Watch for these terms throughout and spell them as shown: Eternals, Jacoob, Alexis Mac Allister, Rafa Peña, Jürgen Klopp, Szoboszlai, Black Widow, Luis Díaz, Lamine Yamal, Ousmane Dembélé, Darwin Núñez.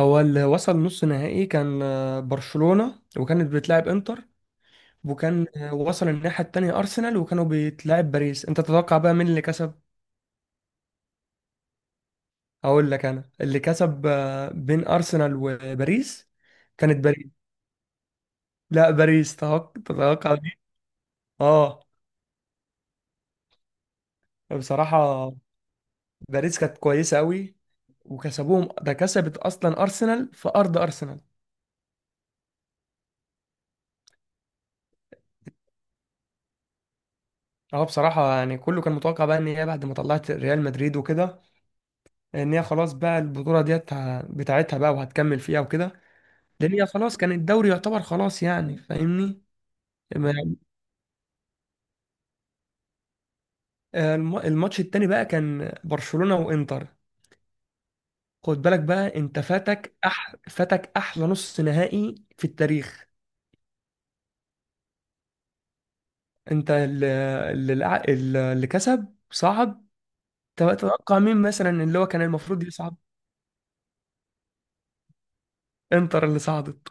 هو اللي وصل نص نهائي كان برشلونة وكانت بتلعب انتر، وكان وصل الناحية التانية أرسنال وكانوا بيتلعب باريس. أنت تتوقع بقى مين اللي كسب؟ هقول لك أنا اللي كسب بين أرسنال وباريس كانت باريس. لا، باريس، تتوقع دي. اه، بصراحة باريس كانت كويسة أوي وكسبوهم. ده كسبت أصلا أرسنال في أرض أرسنال. اه، بصراحة يعني كله كان متوقع بقى إن هي بعد ما طلعت ريال مدريد وكده، ان هي خلاص بقى البطوله ديت بتاعتها بقى وهتكمل فيها وكده. لان هي خلاص كان الدوري يعتبر خلاص يعني، فاهمني؟ ما- الماتش التاني بقى كان برشلونه وانتر. خد بالك بقى، انت فاتك فاتك احلى نص نهائي في التاريخ. انت اللي, اللي كسب صعد. تبقى تتوقع مين مثلا اللي هو كان المفروض يصعد؟ انتر اللي صعدت.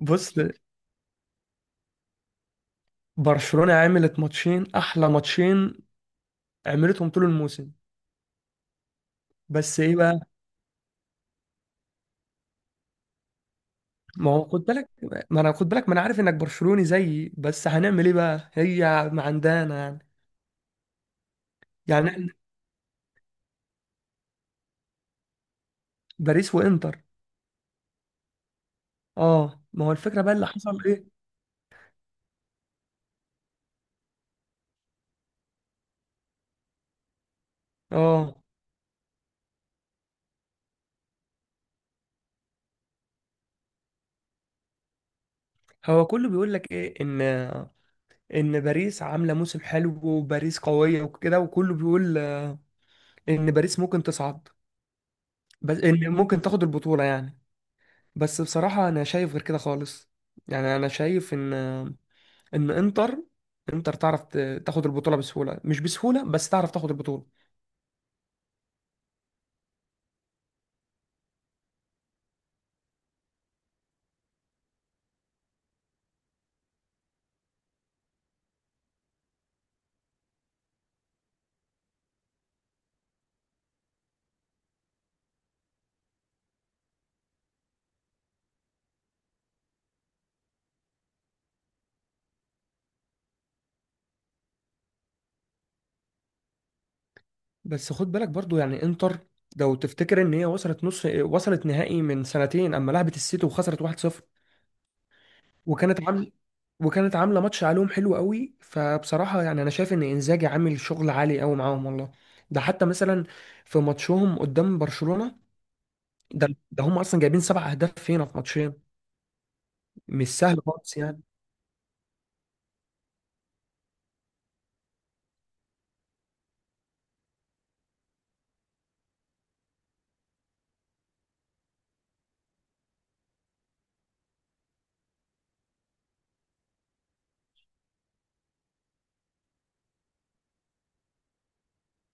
بص، برشلونه عملت ماتشين، احلى ماتشين عملتهم طول الموسم. بس ايه بقى؟ ما هو خد بالك، ما انا خد بالك، ما انا عارف انك برشلوني زيي، بس هنعمل ايه بقى؟ هي ما عندنا يعني. يعني إحنا، باريس وانتر. اه، ما هو الفكره بقى اللي حصل ايه. اه، هو كله بيقول لك ايه، ان باريس عامله موسم حلو وباريس قويه وكده، وكله بيقول ان باريس ممكن تصعد، بس ان ممكن تاخد البطوله يعني. بس بصراحه انا شايف غير كده خالص. يعني انا شايف ان انتر تعرف تاخد البطوله بسهوله، مش بسهوله، بس تعرف تاخد البطوله. بس خد بالك برضو يعني، انتر لو تفتكر ان هي وصلت نص، نهائي من سنتين اما لعبت السيتي وخسرت 1-0. وكانت عامله وكانت عامله ماتش عليهم حلو قوي. فبصراحه يعني انا شايف ان انزاجي عامل شغل عالي قوي معاهم والله. ده حتى مثلا في ماتشهم قدام برشلونه، ده هم اصلا جايبين 7 اهداف فينا في ماتشين. مش سهل خالص يعني.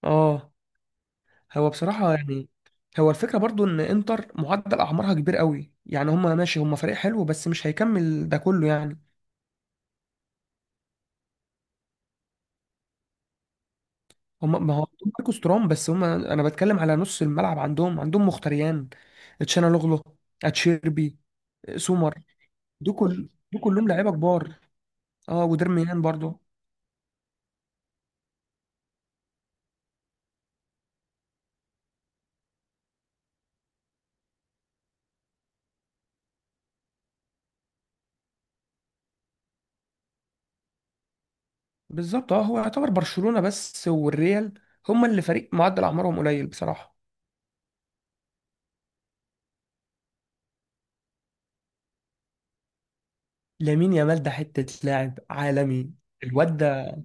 اه، هو بصراحه يعني، هو الفكره برضو ان انتر معدل اعمارها كبير قوي. يعني هم ماشي، هم فريق حلو بس مش هيكمل ده كله يعني. هم ما هو عندهم ماركوس تورام، بس هم انا بتكلم على نص الملعب، عندهم مختريان، تشانالوغلو، اتشيربي، سومر. دول كل دول كلهم لعيبه كبار. اه، ودرميان برضو. بالظبط. اه، هو يعتبر برشلونه بس والريال هم اللي فريق معدل اعمارهم قليل بصراحه. لامين يامال ده حته لاعب عالمي. الواد ده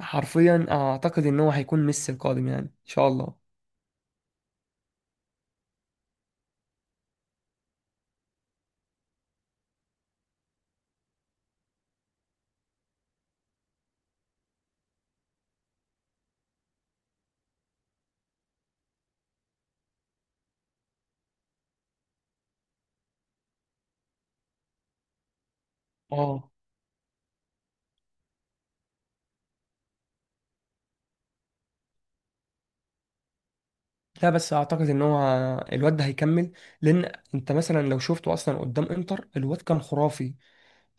حرفيا اعتقد ان هو هيكون ميسي القادم يعني، ان شاء الله. اه، لا بس اعتقد ان هو الواد ده هيكمل. لان انت مثلا لو شفته اصلا قدام انتر الواد كان خرافي.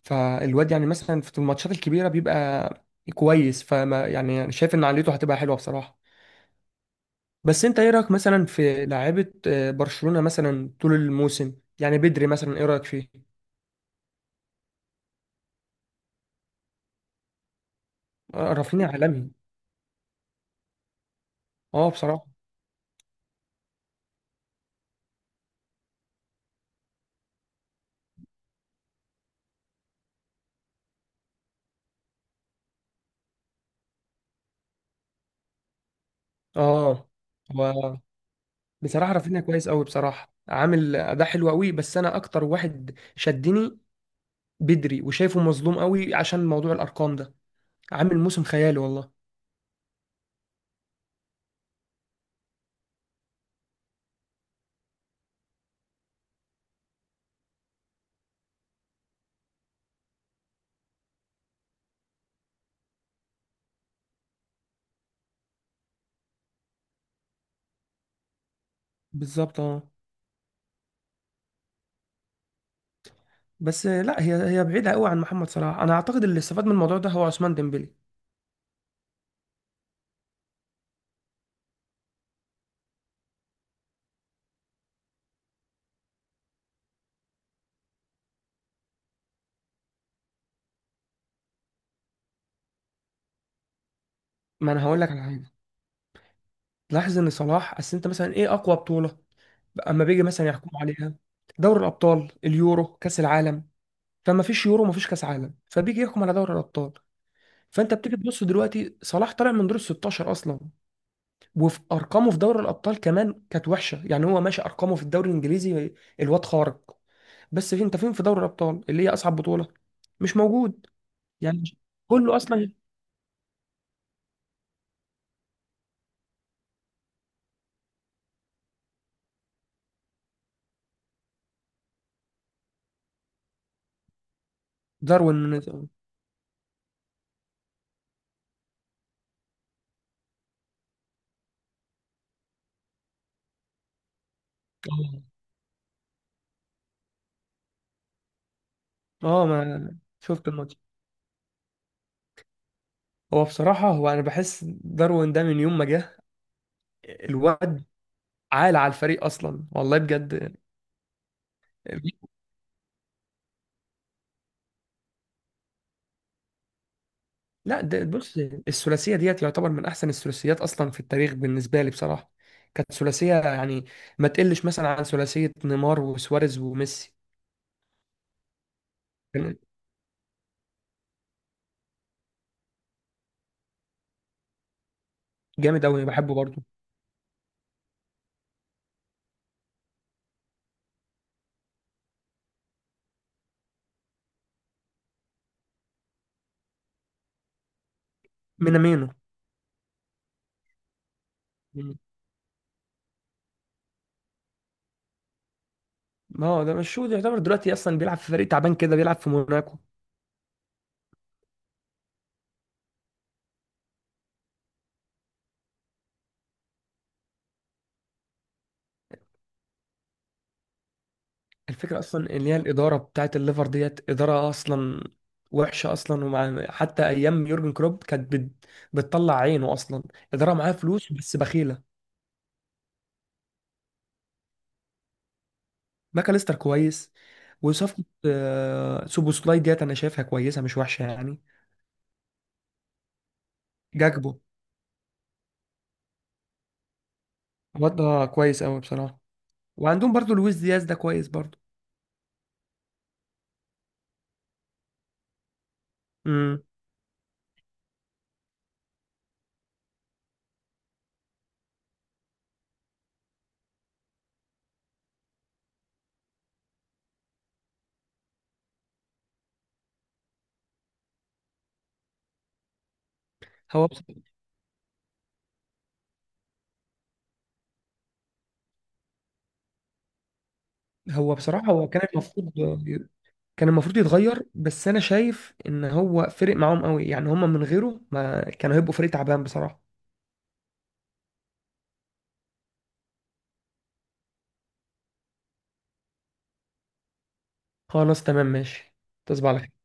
فالواد يعني مثلا في الماتشات الكبيره بيبقى كويس، فما يعني شايف ان عقليته هتبقى حلوه بصراحه. بس انت ايه رايك مثلا في لاعيبه برشلونه مثلا طول الموسم؟ يعني بدري مثلا، ايه رايك فيه؟ رافينيا عالمي. اه، بصراحه. اه، هو بصراحه رافينيا كويس قوي، بصراحه عامل اداء حلو قوي، بس انا اكتر واحد شدني بدري، وشايفه مظلوم قوي عشان موضوع الارقام ده. عامل موسم خيالي والله. بالظبط. اه، بس لا، هي بعيده قوي عن محمد صلاح. انا اعتقد اللي استفاد من الموضوع ده هو عثمان ديمبلي. ما انا هقول لك على حاجه. تلاحظ ان صلاح، اصل انت مثلا ايه اقوى بطوله اما بيجي مثلا يحكموا عليها؟ دوري الابطال، اليورو، كاس العالم. فما فيش يورو، ما فيش كاس عالم، فبيجي يحكم على دوري الابطال. فانت بتيجي تبص دلوقتي صلاح طالع من دور ال 16 اصلا. وفي ارقامه في دوري الابطال كمان كانت وحشه يعني. هو ماشي ارقامه في الدوري الانجليزي، الواد خارق، بس فين انت، فين في دوري الابطال اللي هي اصعب بطوله؟ مش موجود يعني. كله اصلا. داروين نونيز، اه. ما شفت الماتش. هو بصراحه، هو انا بحس داروين ده من يوم ما جه الواد عال على الفريق اصلا والله بجد. لا، ده بص، الثلاثيه ديت يعتبر من احسن الثلاثيات اصلا في التاريخ بالنسبه لي بصراحه. كانت ثلاثيه يعني ما تقلش مثلا عن ثلاثيه نيمار وسواريز وميسي. كان جامد قوي، بحبه برضه. مينامينو، ما هو ده مش شوت يعتبر، دلوقتي اصلا بيلعب في فريق تعبان كده، بيلعب في موناكو. الفكره اصلا ان هي الاداره بتاعت الليفر ديت اداره اصلا وحشه اصلا. ومع حتى ايام يورجن كلوب كانت بتطلع عينه اصلا. اداره معاها فلوس بس بخيله. ماكاليستر كويس. وصفقه سوبوسلاي ديت انا شايفها كويسه مش وحشه يعني. جاكبو، الواد ده كويس قوي بصراحه. وعندهم برضو لويس دياز ده كويس برضو. امم. هو بص... هو بصراحه، هو كان المفروض يتغير. بس انا شايف ان هو فرق معاهم قوي، يعني هم من غيره ما كانوا هيبقوا فريق تعبان بصراحة. خلاص، تمام، ماشي. تصبح على خير.